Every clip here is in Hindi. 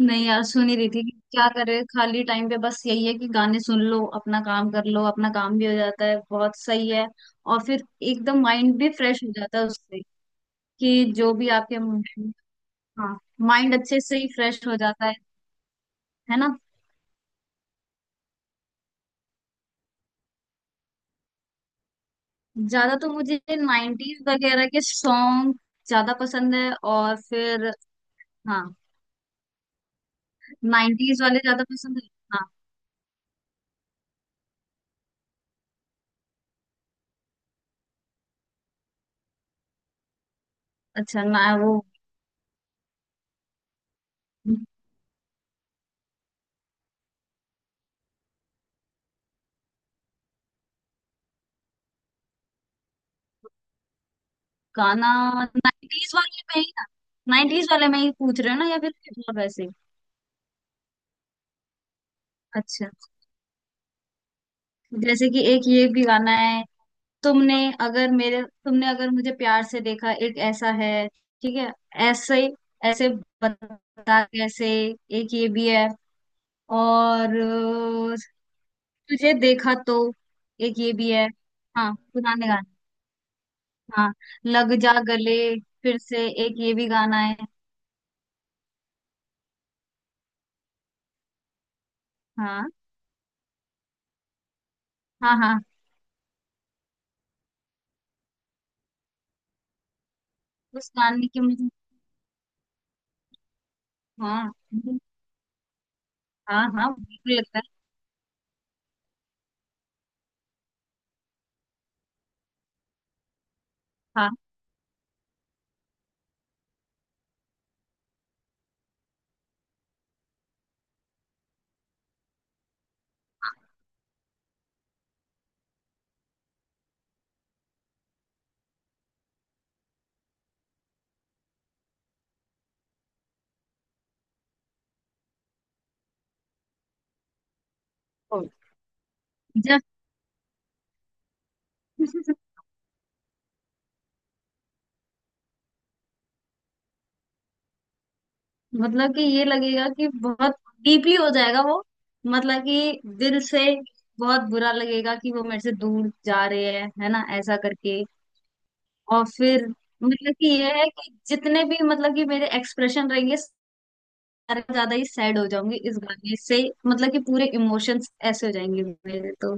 नहीं यार, सुन ही रही थी कि क्या करे। खाली टाइम पे बस यही है कि गाने सुन लो, अपना काम कर लो। अपना काम भी हो जाता है, बहुत सही है। और फिर एकदम माइंड भी फ्रेश हो जाता है उससे। कि जो भी आपके mind-। हाँ, माइंड अच्छे से ही फ्रेश हो जाता है ना। ज्यादा तो मुझे नाइन्टीज वगैरह के सॉन्ग ज्यादा पसंद है। और फिर हाँ, नाइन्टीज वाले ज्यादा पसंद है। हाँ, अच्छा ना, वो गाना नाइन्टीज वाले में ही ना। नाइन्टीज वाले में ही पूछ रहे हो ना, या फिर कुछ और वैसे। अच्छा, जैसे कि एक ये भी गाना है। तुमने अगर मेरे, तुमने अगर मुझे प्यार से देखा, एक ऐसा है। ठीक है। ऐसे, ऐसे बता, कैसे। एक ये भी है। और अ, तुझे देखा तो, एक ये भी है। हाँ, पुराने गाने। हाँ, लग जा गले, फिर से एक ये भी गाना है। हाँ, हाँ, हाँ। उस गाने की मुझे, हाँ, हाँ, हाँ बिल्कुल लगता है। हाँ। और जब मतलब कि ये लगेगा कि बहुत डीपली हो जाएगा वो। मतलब कि दिल से बहुत बुरा लगेगा कि वो मेरे से दूर जा रहे हैं, है ना, ऐसा करके। और फिर मतलब कि ये है कि जितने भी, मतलब कि मेरे एक्सप्रेशन रहेंगे सारे, ज्यादा ही सैड हो जाऊंगी इस गाने से। मतलब कि पूरे इमोशंस ऐसे हो जाएंगे मेरे तो।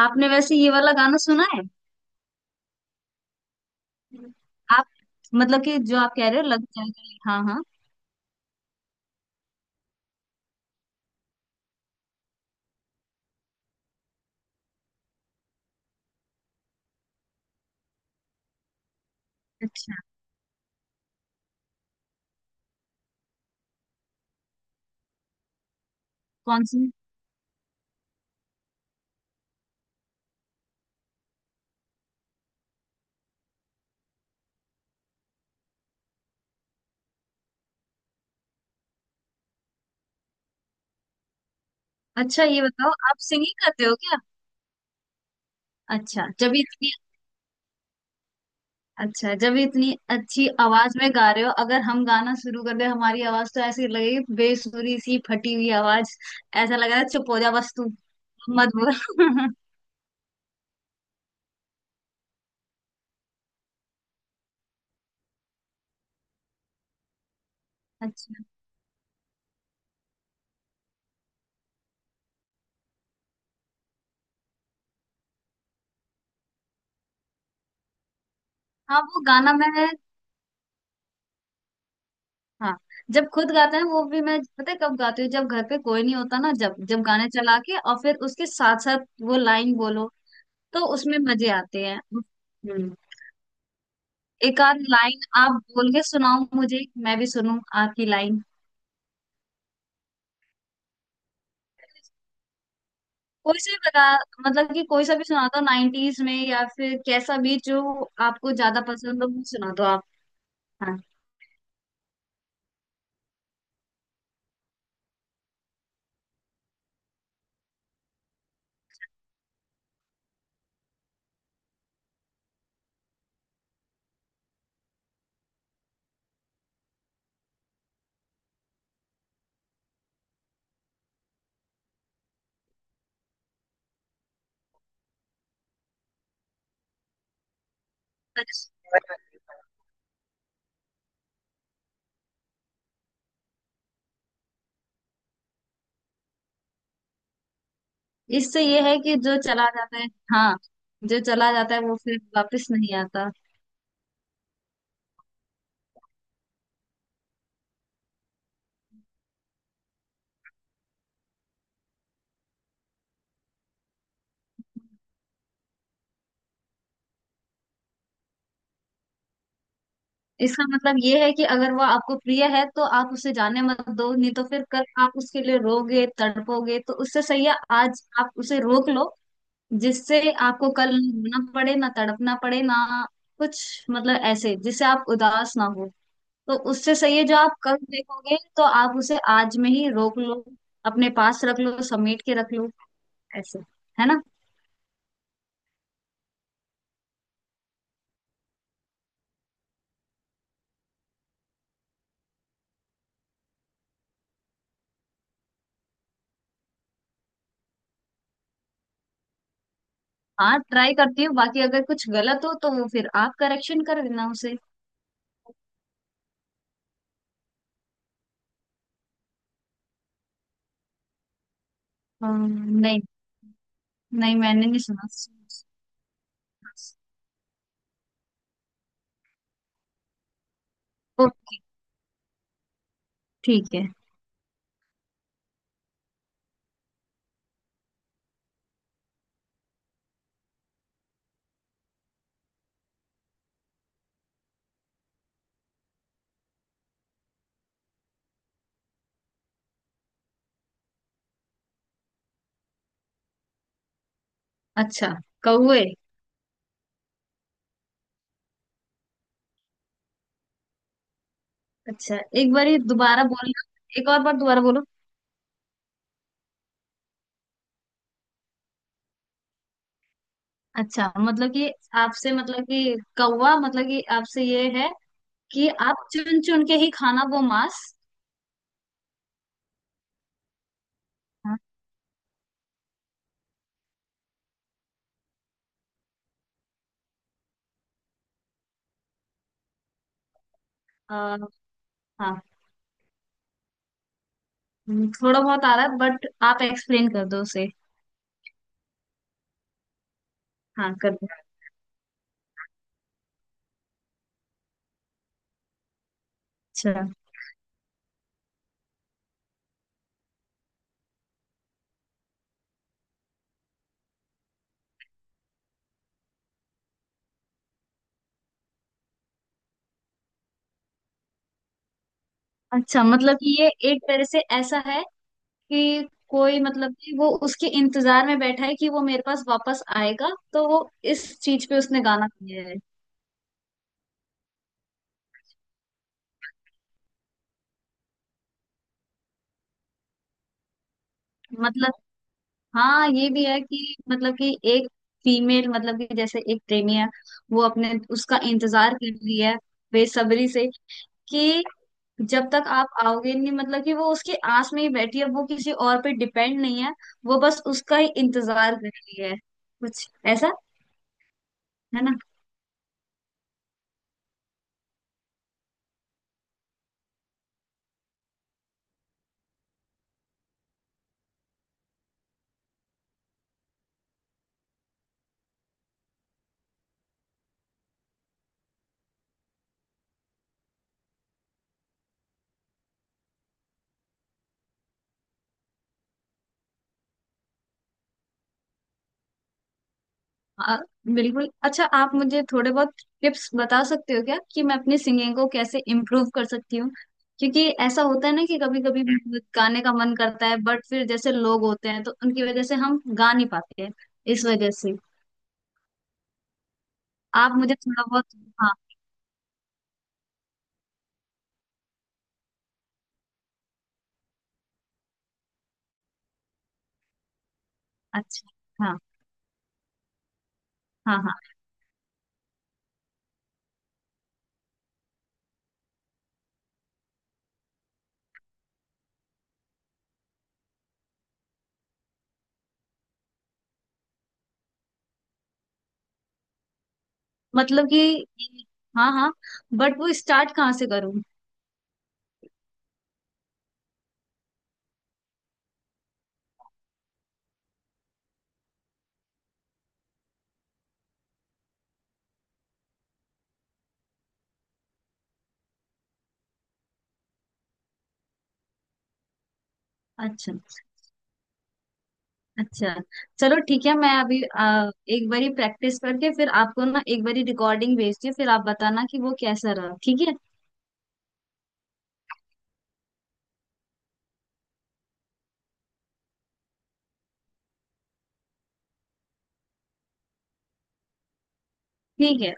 आपने वैसे ये वाला गाना सुना है? आप, मतलब कि जो आप कह रहे हो, लग जाएगा, हाँ हाँ। अच्छा, कौन सी। अच्छा, ये बताओ, आप सिंगिंग करते हो क्या? अच्छा जब इतनी, अच्छा जब इतनी अच्छी आवाज में गा रहे हो, अगर हम गाना शुरू कर दे, हमारी आवाज तो ऐसी लगेगी, बेसुरी सी फटी हुई आवाज। ऐसा लग रहा है, चुप हो जा बस तू, मत बोल अच्छा। हाँ, वो गाना मैं, हाँ जब खुद गाते हैं, वो भी मैं पता है कब गाती हूँ, जब घर पे कोई नहीं होता ना, जब जब गाने चला के और फिर उसके साथ साथ वो लाइन बोलो, तो उसमें मजे आते हैं। हम्म। एक आध लाइन आप बोल के सुनाओ मुझे, मैं भी सुनूं आपकी लाइन। कोई से बता, मतलब कि कोई सा भी सुना दो नाइनटीज में, या फिर कैसा भी जो आपको ज्यादा पसंद हो, वो सुना दो आप। हाँ, इससे ये है कि जो चला जाता है, हाँ, जो चला जाता है वो फिर वापस नहीं आता। इसका मतलब ये है कि अगर वो आपको प्रिय है तो आप उसे जाने मत दो, नहीं तो फिर कल आप उसके लिए रोगे, तड़पोगे। तो उससे सही है आज आप उसे रोक लो, जिससे आपको कल ना रोना पड़े, ना तड़पना पड़े, ना कुछ, मतलब ऐसे जिससे आप उदास ना हो। तो उससे सही है जो आप कल देखोगे, तो आप उसे आज में ही रोक लो, अपने पास रख लो, समेट के रख लो। ऐसे, है ना। हाँ, ट्राई करती हूँ, बाकी अगर कुछ गलत हो तो वो फिर आप करेक्शन कर देना उसे। नहीं, नहीं, मैंने नहीं सुना। ओके, ठीक है। अच्छा, कौए। अच्छा एक बार दोबारा बोलना, एक और बार दोबारा बोलो। अच्छा, मतलब कि आपसे, मतलब कि कौवा, मतलब कि आपसे ये है कि आप चुन चुन के ही खाना वो मांस। हाँ, अ, हाँ। थोड़ा बहुत आ रहा है, बट आप एक्सप्लेन कर दो उसे, हाँ कर दो। अच्छा। अच्छा मतलब कि ये एक तरह से ऐसा है कि कोई, मतलब कि वो उसके इंतजार में बैठा है कि वो मेरे पास वापस आएगा, तो वो इस चीज पे उसने गाना गाया है। मतलब, हाँ ये भी है कि मतलब कि एक फीमेल, मतलब कि जैसे एक प्रेमी है, वो अपने, उसका इंतजार कर रही है बेसब्री से, कि जब तक आप आओगे नहीं, मतलब कि वो उसकी आस में ही बैठी है, वो किसी और पे डिपेंड नहीं है। वो बस उसका ही इंतजार कर रही है, कुछ ऐसा। है ना। हाँ, बिल्कुल। अच्छा, आप मुझे थोड़े बहुत टिप्स बता सकते हो क्या, कि मैं अपनी सिंगिंग को कैसे इम्प्रूव कर सकती हूँ? क्योंकि ऐसा होता है ना कि कभी कभी गाने का मन करता है, बट फिर जैसे लोग होते हैं तो उनकी वजह से हम गा नहीं पाते हैं, इस वजह से। आप मुझे थोड़ा बहुत, हाँ। अच्छा, हाँ, हाँ, हाँ। मतलब कि, हाँ हाँ, बट वो स्टार्ट कहाँ से करूँ? अच्छा। अच्छा, चलो ठीक है, मैं अभी एक बारी प्रैक्टिस करके फिर आपको ना एक बारी रिकॉर्डिंग भेजती हूँ, फिर आप बताना कि वो कैसा रहा। ठीक है। ठीक है।